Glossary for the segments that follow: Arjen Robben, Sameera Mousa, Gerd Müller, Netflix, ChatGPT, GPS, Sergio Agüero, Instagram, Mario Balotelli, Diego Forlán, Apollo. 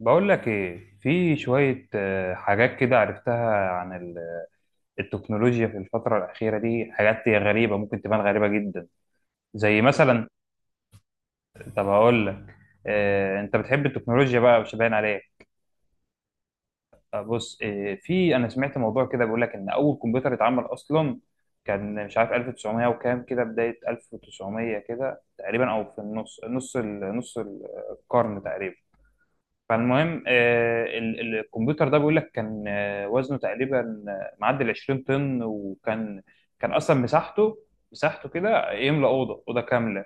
بقول لك ايه؟ في شوية حاجات كده عرفتها عن التكنولوجيا في الفترة الأخيرة دي. حاجات هي غريبة، ممكن تبان غريبة جدا. زي مثلا، طب هقول لك. انت بتحب التكنولوجيا بقى؟ مش باين عليك. بص، آه، في انا سمعت موضوع كده بيقول لك ان اول كمبيوتر اتعمل اصلا كان، مش عارف 1900 وكام، كده بداية 1900 كده تقريبا، او في النص، نص القرن تقريبا. فالمهم الكمبيوتر ده بيقول لك كان وزنه تقريبا معدي ال 20 طن. وكان اصلا مساحته كده يملى اوضه كامله.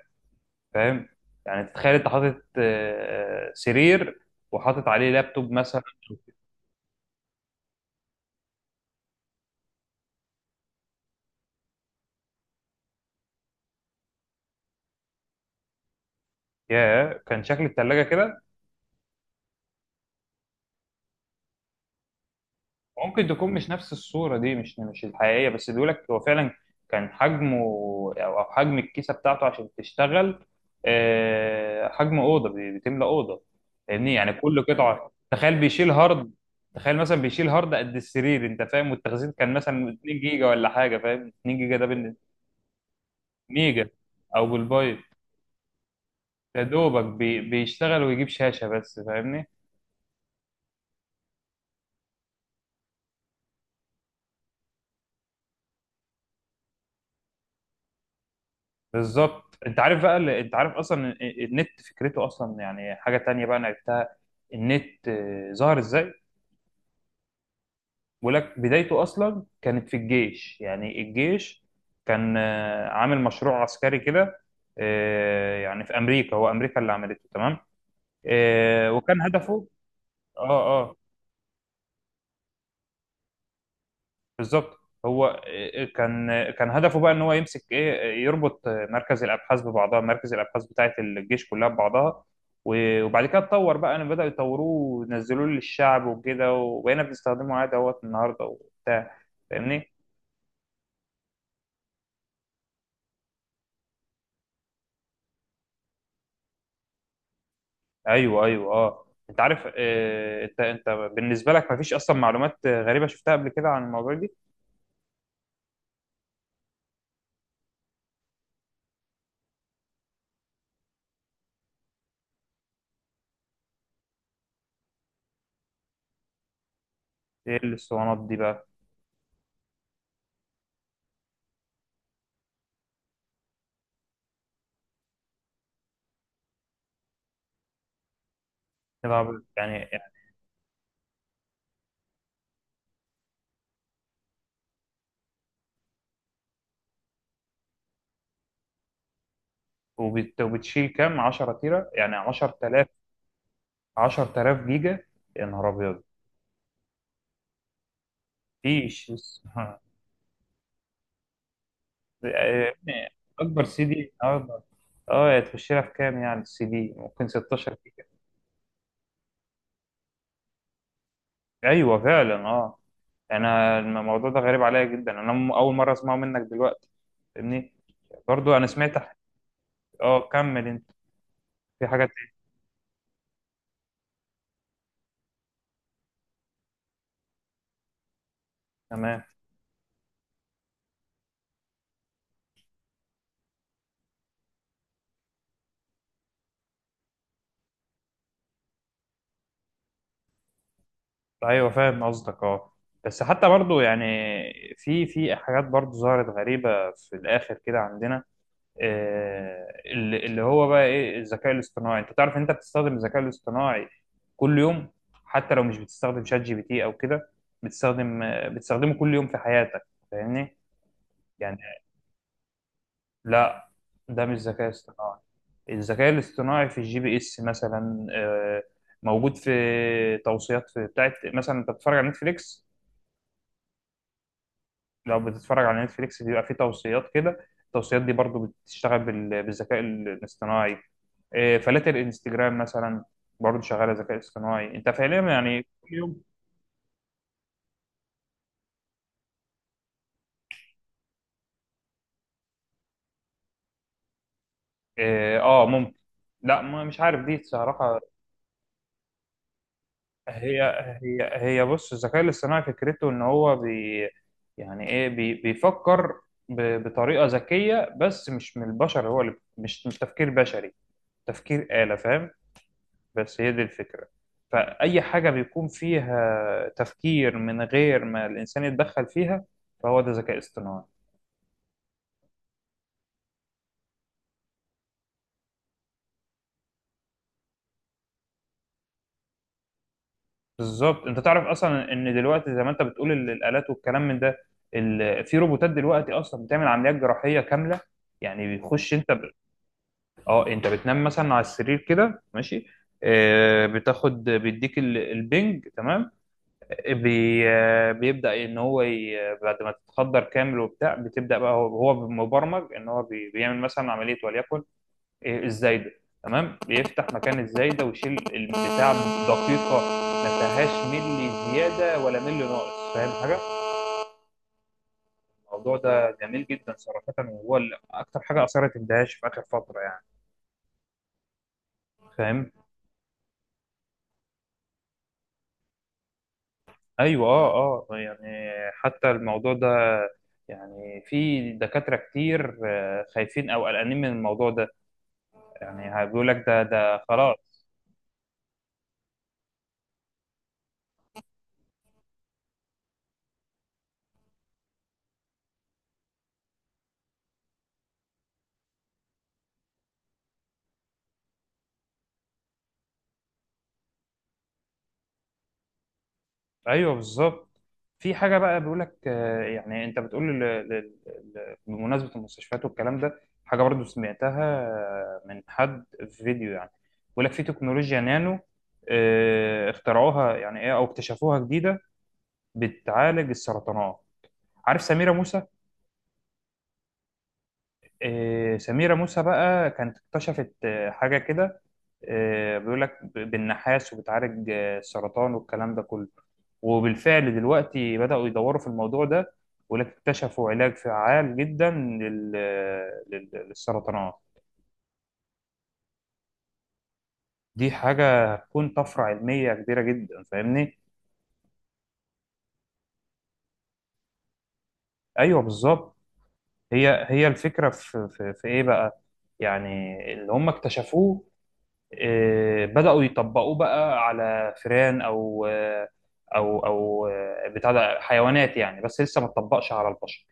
فاهم؟ يعني تتخيل انت حاطط سرير وحاطط عليه لابتوب مثلا. يا كان شكل الثلاجه كده. ممكن تكون مش نفس الصورة دي، مش الحقيقية، بس بيقولك هو فعلا كان حجمه، أو حجم الكيسة بتاعته عشان تشتغل، حجم أوضة، بتملى أوضة. فاهمني؟ يعني كل قطعة تخيل بيشيل هارد. تخيل مثلا بيشيل هارد قد السرير. أنت فاهم؟ والتخزين كان مثلا 2 جيجا ولا حاجة. فاهم؟ 2 جيجا ده بالنسبة، ميجا أو بالبايت. يا دوبك بيشتغل ويجيب شاشة بس. فاهمني؟ بالظبط. انت عارف بقى، اللي انت عارف اصلا النت فكرته اصلا، يعني حاجه تانية بقى انا عرفتها. النت ظهر ازاي؟ بقول لك بدايته اصلا كانت في الجيش. يعني الجيش كان عامل مشروع عسكري كده. يعني في امريكا، هو امريكا اللي عملته، تمام؟ وكان هدفه. اه اه، بالظبط. هو كان هدفه بقى، ان هو يمسك ايه، يربط مركز الابحاث ببعضها، مركز الابحاث بتاعه الجيش كلها ببعضها. وبعد كده اتطور بقى، ان بداوا يطوروه ونزلوه للشعب وكده، وبقينا بنستخدمه عادي اهوت النهارده وبتاع. فاهمني؟ ايوه ايوه اه. انت عارف انت بالنسبه لك مفيش اصلا معلومات غريبه شفتها قبل كده عن الموضوع دي؟ ايه الاسطوانات دي بقى؟ طبعاً يعني. وبتشيل كام، 10 تيره يعني، 10,000 10,000 جيجا. يا نهار ابيض! مفيش؟ آه، يعني اكبر سي دي النهارده، اه تخش لها في كام يعني؟ السي دي ممكن 16 جيجا. ايوه فعلا اه. انا الموضوع ده غريب عليا جدا، انا اول مره اسمعه منك دلوقتي. فاهمني؟ برضو انا سمعت اه كمل انت. في حاجه تانية؟ تمام. ايوه فاهم قصدك اه. بس حتى برضو يعني في حاجات برضو ظهرت غريبه في الاخر كده عندنا. اللي هو بقى ايه؟ الذكاء الاصطناعي. انت تعرف ان انت بتستخدم الذكاء الاصطناعي كل يوم؟ حتى لو مش بتستخدم شات جي بي تي او كده، بتستخدمه كل يوم في حياتك. فاهمني؟ يعني. لا، ده مش ذكاء اصطناعي. الذكاء الاصطناعي في الجي بي اس مثلا، موجود في توصيات في بتاعت مثلا. انت بتتفرج على نتفليكس؟ لو بتتفرج على نتفليكس بيبقى في توصيات كده. التوصيات دي برضو بتشتغل بالذكاء الاصطناعي. إيه، فلاتر انستجرام مثلا برضه شغاله ذكاء اصطناعي. انت فعليا يعني كل يوم. اه ممكن. لا، مش عارف دي صراحه. هي هي بص، الذكاء الاصطناعي فكرته ان هو يعني ايه، بيفكر بطريقه ذكيه، بس مش من البشر هو، اللي مش تفكير بشري، تفكير آلة. فاهم؟ بس هي دي الفكره. فاي حاجه بيكون فيها تفكير من غير ما الانسان يتدخل فيها، فهو ده ذكاء اصطناعي. بالظبط. انت تعرف اصلا ان دلوقتي، زي ما انت بتقول، الالات والكلام من ده، في روبوتات دلوقتي اصلا بتعمل عمليات جراحيه كامله. يعني بتخش انت اه. انت بتنام مثلا على السرير كده ماشي، بتاخد بيديك البنج، تمام؟ آه، بي... آه، بيبدا ان هو ي... بعد ما تتخدر كامل وبتاع، بتبدا بقى. هو مبرمج ان هو بيعمل مثلا عمليه، وليكن إيه، الزايده. تمام؟ بيفتح مكان الزايده ويشيل البتاع بدقيقه، ما فيهاش ملي زياده ولا ملي ناقص. فاهم حاجه؟ الموضوع ده جميل جدا صراحه، وهو اللي اكتر حاجه اثرت اندهاش في اخر فتره يعني. فاهم؟ ايوه اه اه. يعني حتى الموضوع ده، يعني في دكاتره كتير خايفين او قلقانين من الموضوع ده، يعني بيقول لك ده خلاص. ايوه بالظبط. في حاجه بقى بيقول لك يعني انت بتقول بمناسبه المستشفيات والكلام ده، حاجه برضو سمعتها من حد في فيديو يعني. بيقول لك في تكنولوجيا نانو اخترعوها يعني، ايه او اكتشفوها جديده، بتعالج السرطانات. عارف سميره موسى؟ سميره موسى بقى كانت اكتشفت حاجه كده، بيقول لك بالنحاس، وبتعالج السرطان والكلام ده كله. وبالفعل دلوقتي بدأوا يدوروا في الموضوع ده، ولكن اكتشفوا علاج فعال جدا للسرطانات. دي حاجة هتكون طفرة علمية كبيرة جدا، فاهمني؟ أيوه بالظبط. هي الفكرة في إيه بقى؟ يعني اللي هم اكتشفوه بدأوا يطبقوه بقى على فئران، أو أو بتاع ده حيوانات يعني، بس لسه ما اتطبقش على البشر.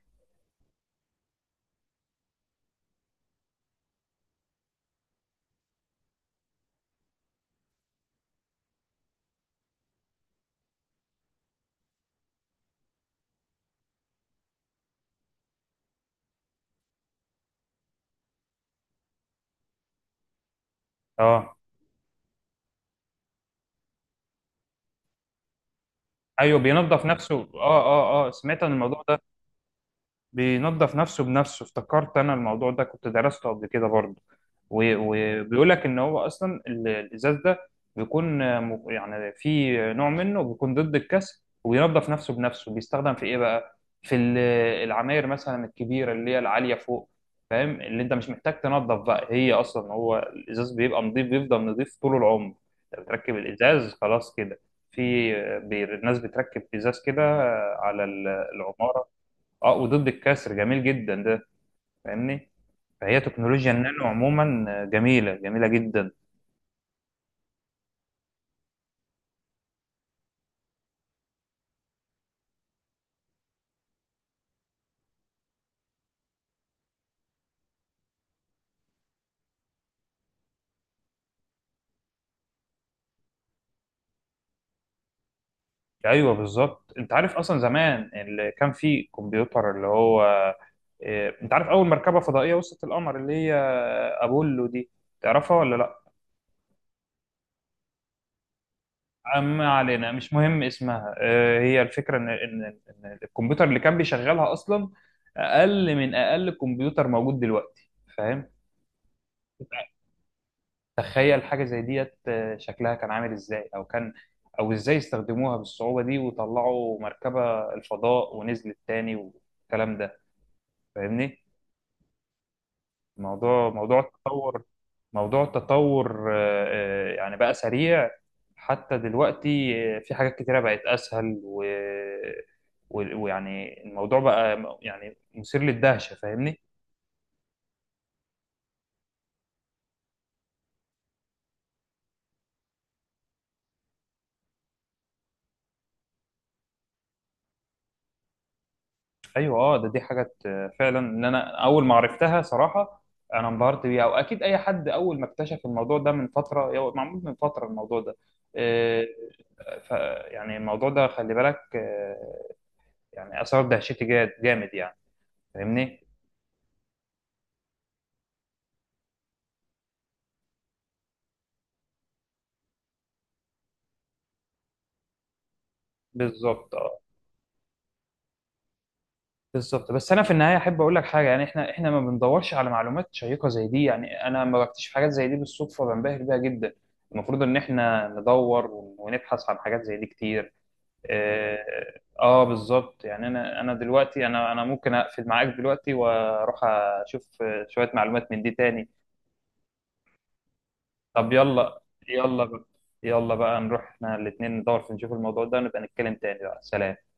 اه ايوه، بينظف نفسه. اه اه اه سمعت عن الموضوع ده. بينظف نفسه بنفسه، افتكرت انا الموضوع ده كنت درسته قبل كده برضه. وبيقول لك ان هو اصلا الازاز ده بيكون يعني في نوع منه بيكون ضد الكسر وبينظف نفسه بنفسه. بيستخدم في ايه بقى؟ في العماير مثلا الكبيره اللي هي العاليه فوق. فاهم؟ اللي انت مش محتاج تنظف بقى، هي اصلا هو الازاز بيبقى نظيف، بيفضل نظيف طول العمر. انت بتركب الازاز خلاص كده. في الناس بتركب ازاز كده على العمارة. اه وضد الكسر، جميل جدا ده. فاهمني؟ فهي تكنولوجيا النانو عموما جميله، جميله جدا. ايوه بالظبط. انت عارف اصلا زمان، اللي كان فيه كمبيوتر اللي هو إيه، انت عارف اول مركبه فضائيه وصلت القمر اللي هي ابولو دي؟ تعرفها ولا لا؟ ما علينا، مش مهم اسمها. هي الفكره، ان إن الكمبيوتر اللي كان بيشغلها اصلا اقل من اقل كمبيوتر موجود دلوقتي. فاهم؟ تخيل حاجة زي ديت، شكلها كان عامل ازاي، او ازاي استخدموها بالصعوبة دي، وطلعوا مركبة الفضاء ونزلت تاني والكلام ده. فاهمني؟ موضوع موضوع التطور موضوع التطور يعني بقى سريع. حتى دلوقتي في حاجات كتيرة بقت اسهل، ويعني الموضوع بقى يعني مثير للدهشة. فاهمني؟ ايوه اه. ده دي حاجه فعلا، ان انا اول ما عرفتها صراحه، انا انبهرت بيها. واكيد اي حد اول ما اكتشف الموضوع ده من فتره، هو معمول من فتره الموضوع ده. آه، ف يعني الموضوع ده خلي بالك، يعني اثار دهشتي جامد يعني. فاهمني؟ بالظبط اه بالظبط. بس انا في النهايه احب اقول لك حاجه، يعني احنا ما بندورش على معلومات شيقه زي دي. يعني انا لما بكتشف حاجات زي دي بالصدفه بنبهر بيها جدا. المفروض ان احنا ندور ونبحث عن حاجات زي دي كتير. اه بالظبط. يعني انا دلوقتي انا ممكن اقفل معاك دلوقتي واروح اشوف شوية معلومات من دي تاني. طب يلا. يلا بقى، يلا بقى نروح احنا الاتنين ندور، في نشوف الموضوع ده، ونبقى نتكلم تاني بقى. سلام.